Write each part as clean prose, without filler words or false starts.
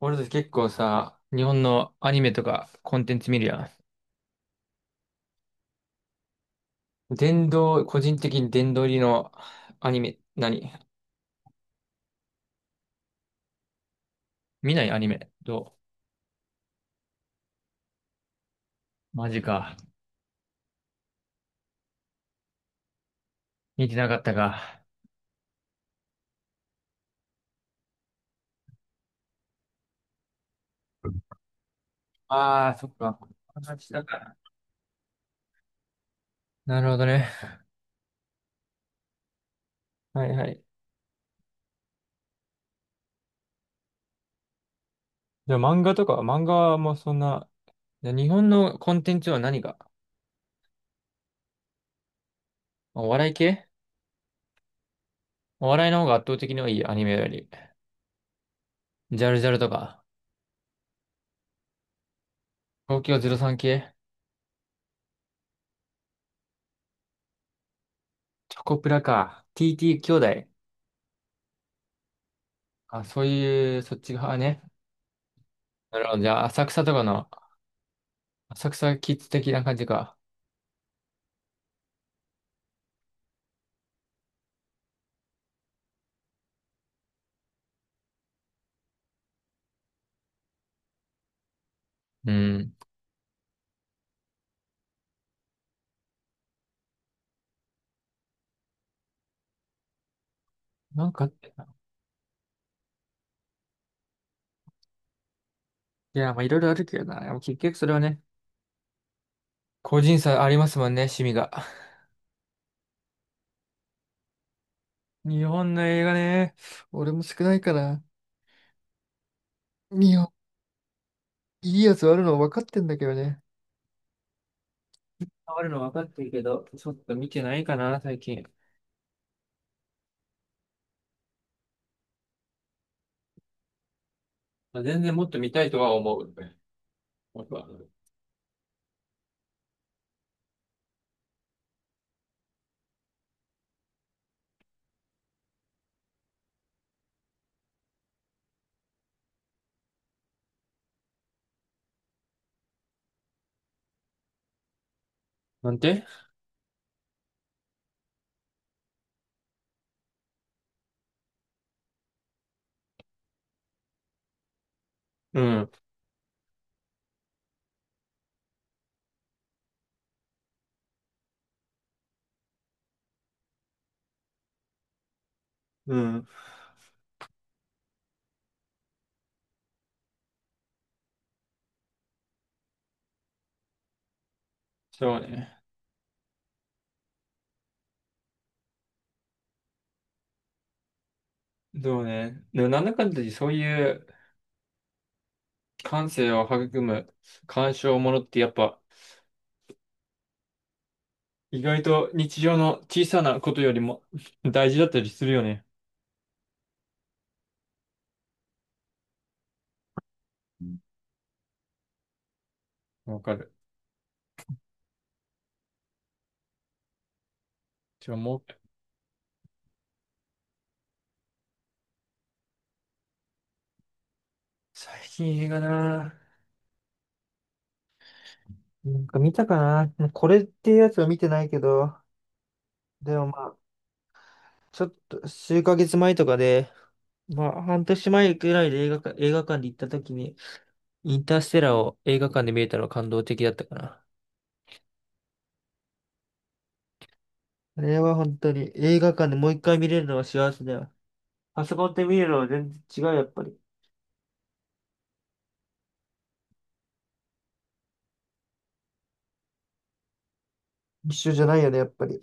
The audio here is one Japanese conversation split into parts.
俺たち結構さ、日本のアニメとかコンテンツ見るやん。殿堂、個人的に殿堂入りのアニメ、何見ないアニメ。どうマジか。見てなかったか。ああー、そっか。話したか。なるほどね。はいはい。じゃあ漫画とか漫画もそんな、じゃあ日本のコンテンツは何がお笑い系お笑いの方が圧倒的に多い、アニメより。ジャルジャルとか。東京03系チョコプラか。TT 兄弟。あ、そういう、そっち側ね。なるほど。じゃあ、浅草とかの、浅草キッズ的な感じか。うん。なんかあったな、いや、まあ、いろいろあるけどな。でも結局それはね、個人差ありますもんね、趣味が。日本の映画ね、俺も少ないから、日本、いいね。変わるの分かってるけど、ちょっと見てないかな、最近。まあ、全然もっと見たいとは思う。僕はなんてうん。うん。そうね。そうね。でも、なんだかんだでそういう感性を育む鑑賞ものってやっぱ、意外と日常の小さなことよりも 大事だったりするよね。うんわかる。じゃあもう、最近映画ななんか見たかなこれっていうやつは見てないけど、でもまあ、ちょっと数ヶ月前とかで、まあ半年前くらいで映画館、映画館で行った時に、インターステラーを映画館で見れたのは感動的だったかな。あれは本当に映画館でもう一回見れるのは幸せだよ。パソコンで見るのは全然違う、やっぱり。一緒じゃないよね、やっぱり。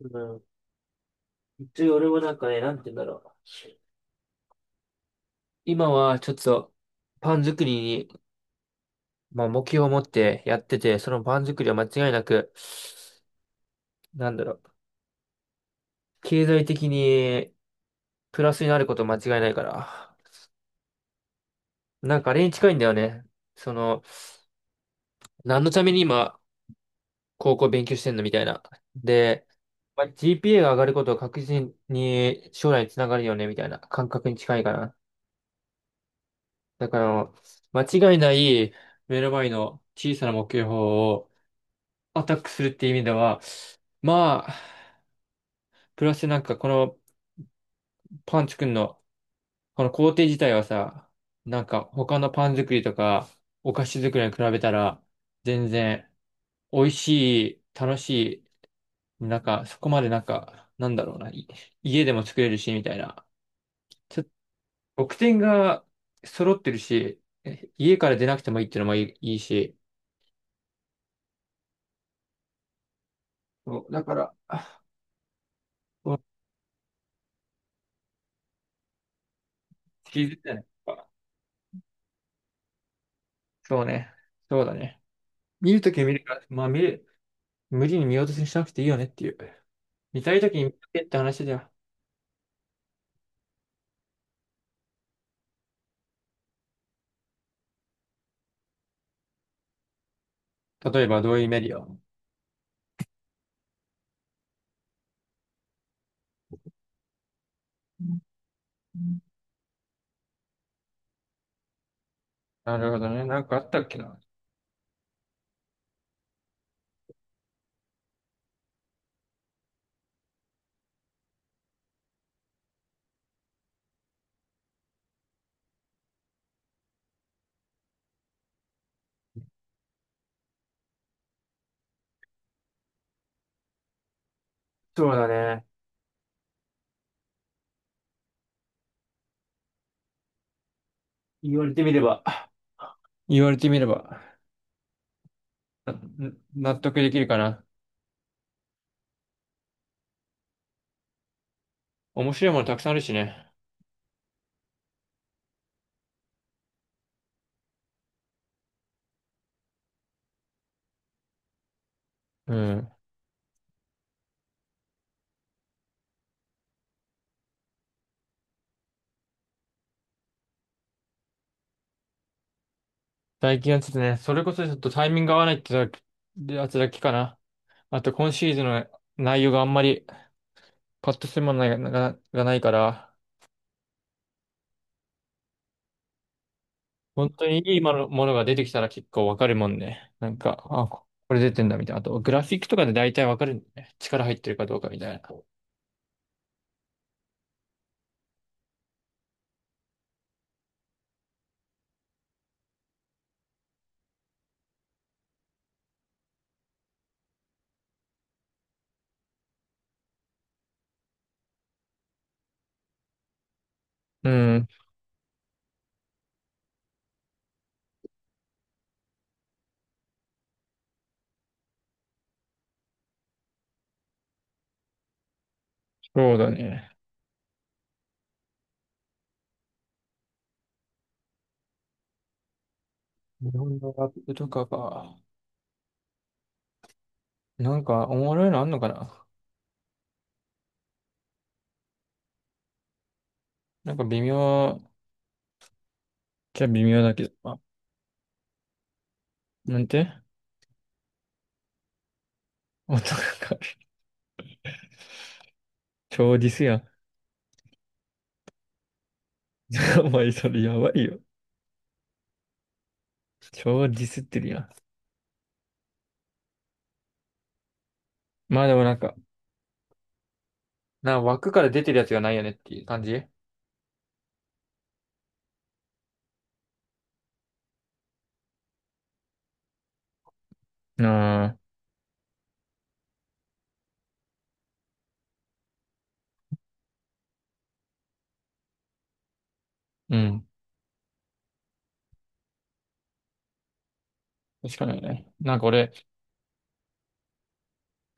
うん一応俺もなんかね、なんて言うんだろう。今はちょっとパン作りに、まあ、目標を持ってやってて、そのパン作りは間違いなく、なんだろう、経済的にプラスになること間違いないから、なんかあれに近いんだよね。その、何のために今、高校勉強してんのみたいな。で、まあ、GPA が上がることは確実に将来につながるよね、みたいな感覚に近いかな。だから、間違いない目の前の小さな目標をアタックするっていう意味では、まあ、プラスなんかこのパン作るの、この工程自体はさ、なんか他のパン作りとかお菓子作りに比べたら、全然美味しい、楽しい、なんかそこまでなんか、なんだろうな、い家でも作れるし、みたいな。ちょっと得点が揃ってるし、え家から出なくてもいいっていうのもいい、いいし。そうだから、あ、気づいてない。そうね。そうだね。見るときは見るから、まあ見る。無理に見落とししなくていいよねっていう。見たいときに見たけって話だよ。例えばどういうメディアなるほどね。なんかあったっけな。そうだね。言われてみれば。言われてみれば、な納得できるかな。面白いものたくさんあるしね。うん。最近はちょっとね、それこそちょっとタイミングが合わないってだけやつだけかな。あと今シーズンの内容があんまりパッとするものがないから、本当にいいものが出てきたら結構わかるもんね。なんか、あ、これ出てんだみたいな。あと、グラフィックとかで大体わかるんだよね。力入ってるかどうかみたいな。うん、そうだね。日本のラップとかが、なんかおもろいのあんのかななんか微妙、じゃ微妙だけど、あ、なんて音がかる。超ディスやん。お前それやばいよ。超ディスってるやん。まあでもなんか、な枠から出てるやつがないよねっていう感じ。ああ、うん。しかないね。なんか俺、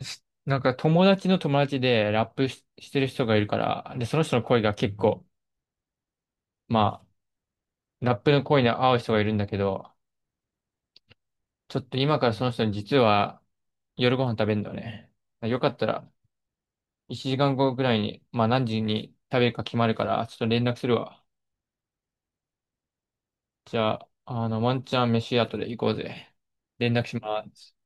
し、なんか友達の友達でラップしてる人がいるから、で、その人の声が結構、まあ、ラップの声に合う人がいるんだけど、ちょっと今からその人に実は夜ご飯食べるんだよね。よかったら、1時間後ぐらいに、まあ何時に食べるか決まるから、ちょっと連絡するわ。じゃあ、あの、ワンチャン飯後で行こうぜ。連絡します。